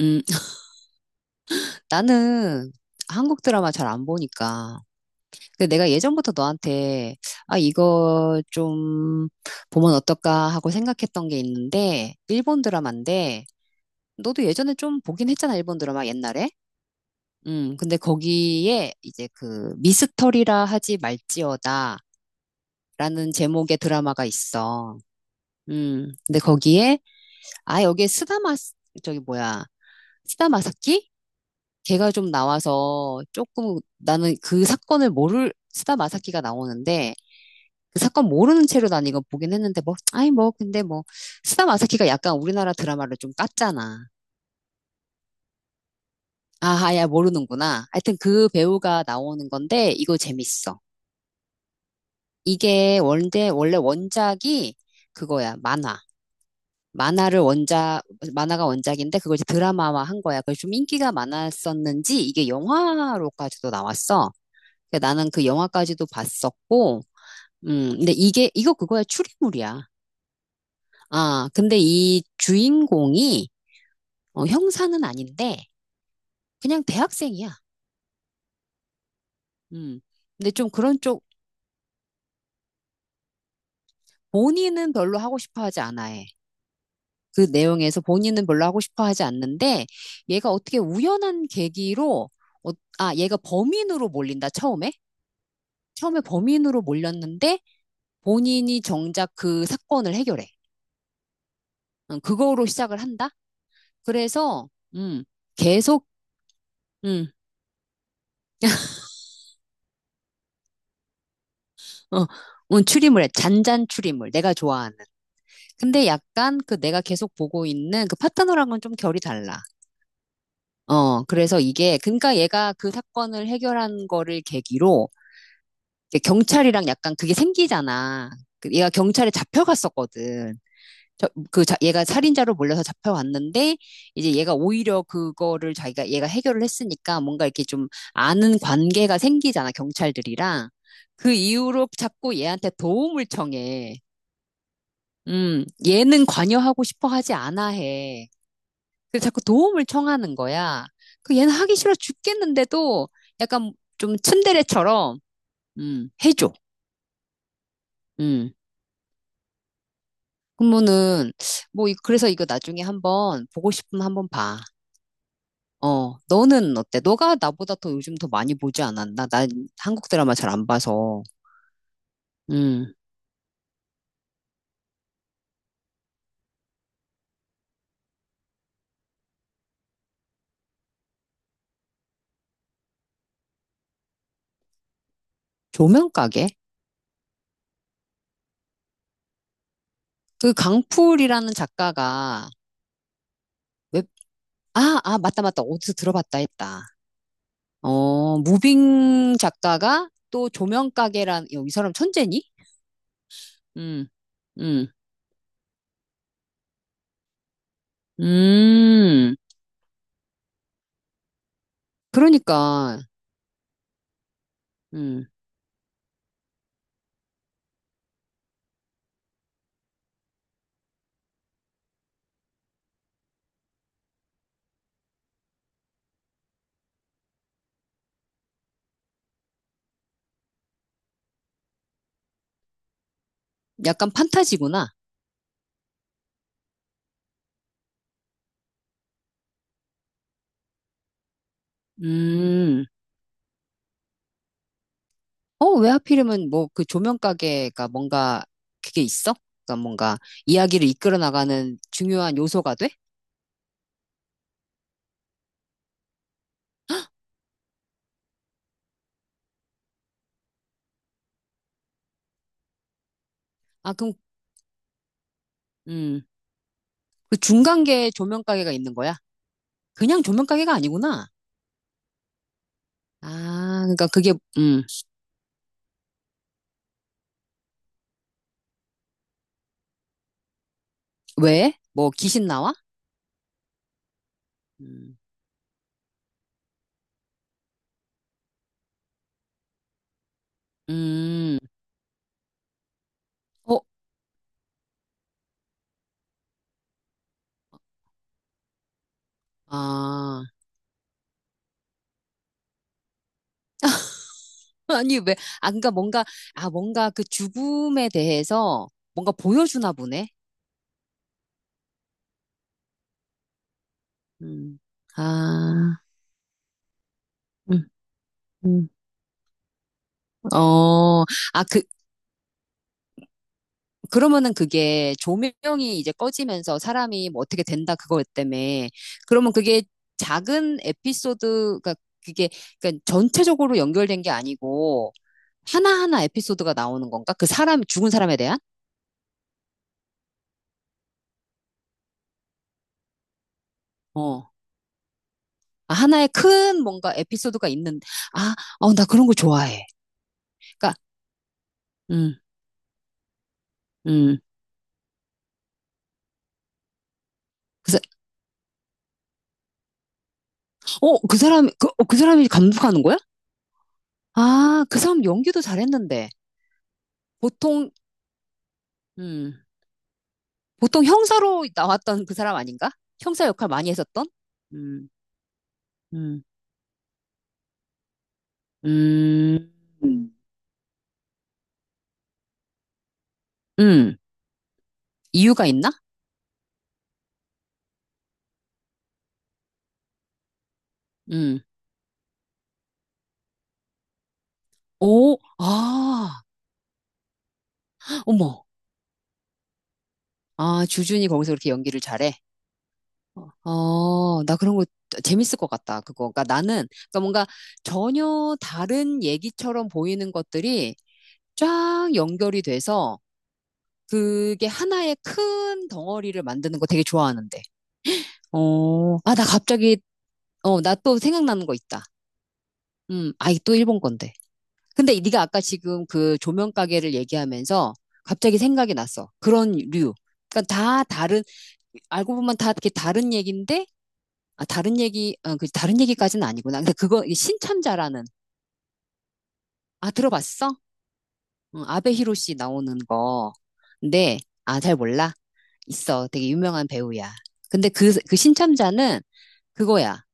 음, 나는 한국 드라마 잘 안 보니까. 근데 내가 예전부터 너한테, 아, 이거 좀 보면 어떨까 하고 생각했던 게 있는데, 일본 드라마인데, 너도 예전에 좀 보긴 했잖아, 일본 드라마 옛날에. 근데 거기에 이제 그 미스터리라 하지 말지어다라는 제목의 드라마가 있어. 근데 거기에, 아, 여기에 저기 뭐야, 스다마사키? 걔가 좀 나와서 조금 나는 그 사건을 모를 스다 마사키가 나오는데 그 사건 모르는 채로 난 이거 보긴 했는데 뭐 아이 뭐 근데 뭐 스다 마사키가 약간 우리나라 드라마를 좀 깠잖아. 아야 모르는구나. 하여튼 그 배우가 나오는 건데 이거 재밌어. 이게 원래 원작이 그거야 만화. 만화를 원작 만화가 원작인데 그걸 이제 드라마화 한 거야. 그래서 좀 인기가 많았었는지 이게 영화로까지도 나왔어. 그러니까 나는 그 영화까지도 봤었고, 근데 이거 그거야, 추리물이야. 아, 근데 이 주인공이, 어, 형사는 아닌데, 그냥 대학생이야. 음, 근데 좀 그런 쪽, 본인은 별로 하고 싶어 하지 않아 해. 그 내용에서 본인은 별로 하고 싶어 하지 않는데, 얘가 어떻게 우연한 계기로, 어, 아, 얘가 범인으로 몰린다, 처음에? 처음에 범인으로 몰렸는데, 본인이 정작 그 사건을 해결해. 어, 그거로 시작을 한다? 그래서, 음, 계속, 음, 어, 추리물에, 잔잔 추리물, 내가 좋아하는. 근데 약간 그 내가 계속 보고 있는 그 파타노랑은 좀 결이 달라. 어, 그래서 이게, 그러니까 얘가 그 사건을 해결한 거를 계기로, 이 경찰이랑 약간 그게 생기잖아. 그 얘가 경찰에 잡혀갔었거든. 얘가 살인자로 몰려서 잡혀왔는데, 이제 얘가 오히려 그거를 자기가, 얘가 해결을 했으니까 뭔가 이렇게 좀 아는 관계가 생기잖아, 경찰들이랑. 그 이후로 자꾸 얘한테 도움을 청해. 얘는 관여하고 싶어 하지 않아 해. 그래서 자꾸 도움을 청하는 거야. 그 얘는 하기 싫어 죽겠는데도 약간 좀 츤데레처럼, 해줘. 음. 그러면은, 뭐, 그래서 이거 나중에 한번 보고 싶으면 한번 봐. 어, 너는 어때? 너가 나보다 더 요즘 더 많이 보지 않았나? 난 한국 드라마 잘 안 봐서. 음, 조명가게? 그 강풀이라는 작가가 웹, 아, 맞다, 맞다. 어디서 들어봤다 했다. 어, 무빙 작가가 또 조명가게란, 야, 이 사람 천재니? 음, 음, 음. 그러니까, 음, 약간 판타지구나. 음. 어, 왜 하필이면 뭐 그 조명 가게가 뭔가 그게 있어? 그러니까 뭔가 이야기를 이끌어 나가는 중요한 요소가 돼? 아, 그럼 음. 그 중간계 조명 가게가 있는 거야? 그냥 조명 가게가 아니구나. 아, 그러니까 그게 왜? 뭐 귀신 나와? 음. 음. 어, 아. 아니 왜? 아, 그러니까 뭔가 아, 뭔가 그 죽음에 대해서 뭔가 보여주나 보네. 음. 아. 음. 음. 어. 아, 그, 그러면은 그게 조명이 이제 꺼지면서 사람이 뭐 어떻게 된다 그거 때문에 그러면 그게 작은 에피소드가 그게 그러니까 전체적으로 연결된 게 아니고 하나하나 에피소드가 나오는 건가? 그 사람 죽은 사람에 대한 어 아, 하나의 큰 뭔가 에피소드가 있는 아, 어, 나 그런 거 좋아해. 그러니까 음, 음. 그래서 어, 그 사람 그, 어, 그 사람이 감독하는 거야? 아, 그 사람 연기도 잘했는데 보통 음. 보통 형사로 나왔던 그 사람 아닌가? 형사 역할 많이 했었던? 음, 음, 음, 음. 이유가 있나? 음. 오, 아, 어머. 아, 주준이 거기서 그렇게 연기를 잘해. 어, 나 그런 거 재밌을 것 같다. 그거. 그러니까 나는, 그러니까 뭔가 전혀 다른 얘기처럼 보이는 것들이 쫙 연결이 돼서 그게 하나의 큰 덩어리를 만드는 거 되게 좋아하는데. 어, 아, 나 갑자기, 어, 나 또 생각나는 거 있다. 아이, 또 일본 건데. 근데 네가 아까 지금 그 조명 가게를 얘기하면서 갑자기 생각이 났어. 그런 류. 그러니까 다 다른, 알고 보면 다 이렇게 다른 얘기인데, 아, 다른 얘기, 어, 그 다른 얘기까지는 아니구나. 근데 그거, 이 신참자라는, 아, 들어봤어? 응, 아베 히로시 나오는 거. 근데, 아, 잘 몰라. 있어. 되게 유명한 배우야. 근데 그, 그 신참자는 그거야.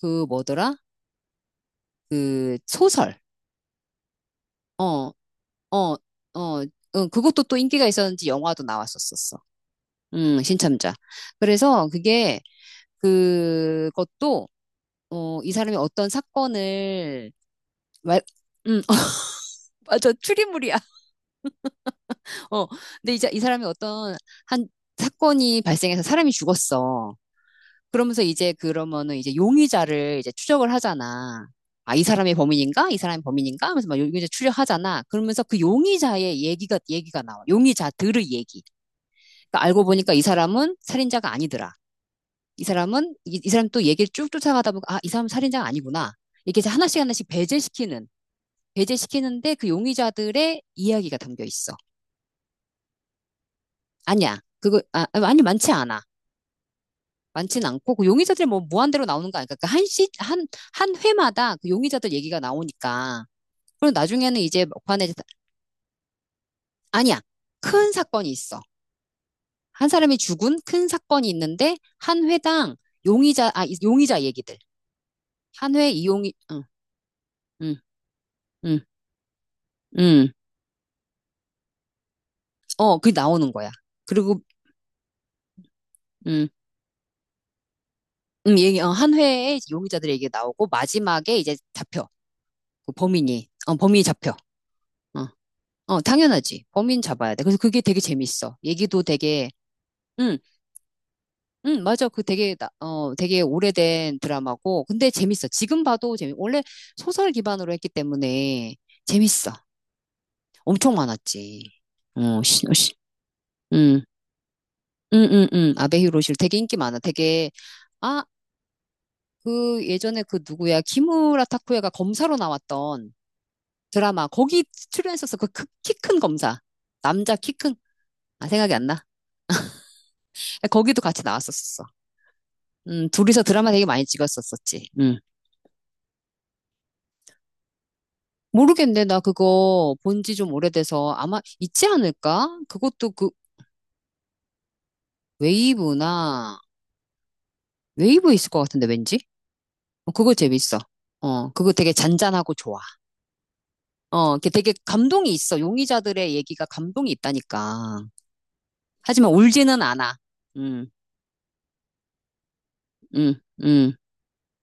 그 뭐더라? 그 소설. 어, 어, 어, 응, 그것도 또 인기가 있었는지 영화도 나왔었었어. 신참자. 그래서 그게, 그것도, 어, 이 사람이 어떤 사건을, 말, 음, 맞아, 추리물이야. 어, 근데 이제 이 사람이 어떤 한 사건이 발생해서 사람이 죽었어. 그러면서 이제 그러면은 이제 용의자를 이제 추적을 하잖아. 아, 이 사람이 범인인가? 이 사람이 범인인가? 하면서 막 용의자 추적하잖아. 그러면서 그 용의자의 얘기가 나와. 용의자들의 얘기. 그러니까 알고 보니까 이 사람은 살인자가 아니더라. 이 사람은 이 사람 또 얘기를 쭉 쫓아가다 보니까 아, 이 사람 살인자가 아니구나. 이렇게 이제 하나씩 하나씩 배제시키는데 그 용의자들의 이야기가 담겨 있어. 아니야. 아니 많지 않아. 많진 않고 그 용의자들이 뭐 무한대로 나오는 거 아니까 한 회마다 그 용의자들 얘기가 나오니까. 그리고 나중에는 이제 막판에 이제 아니야. 큰 사건이 있어. 한 사람이 죽은 큰 사건이 있는데 한 회당 용의자 얘기들 응, 응, 응, 응. 어, 그게 나오는 거야. 그리고, 응, 응, 얘기, 어, 한 회에 용의자들 얘기 나오고, 마지막에 이제 잡혀. 그 범인이, 어, 범인이 잡혀. 어, 어, 당연하지. 범인 잡아야 돼. 그래서 그게 되게 재밌어. 얘기도 되게, 응, 응, 맞아. 그 되게, 어, 되게 오래된 드라마고, 근데 재밌어. 지금 봐도 재밌, 원래 소설 기반으로 했기 때문에 재밌어. 엄청 많았지. 어, 씨, 어, 씨. 응 응응응 아베 히로실 되게 인기 많아. 되게 아 그 예전에 그 누구야 키무라 타쿠야가 검사로 나왔던 드라마 거기 출연했었어. 그 키 큰 검사 남자 키 큰 아 생각이 안 나. 거기도 같이 나왔었었어. 둘이서 드라마 되게 많이 찍었었었지. 모르겠네 나 그거 본지 좀 오래돼서 아마 있지 않을까? 그것도 그 웨이브나 웨이브 있을 것 같은데 왠지 어, 그거 재밌어. 어 그거 되게 잔잔하고 좋아. 어, 이게 되게 감동이 있어. 용의자들의 얘기가 감동이 있다니까. 하지만 울지는 않아. 음, 음, 음.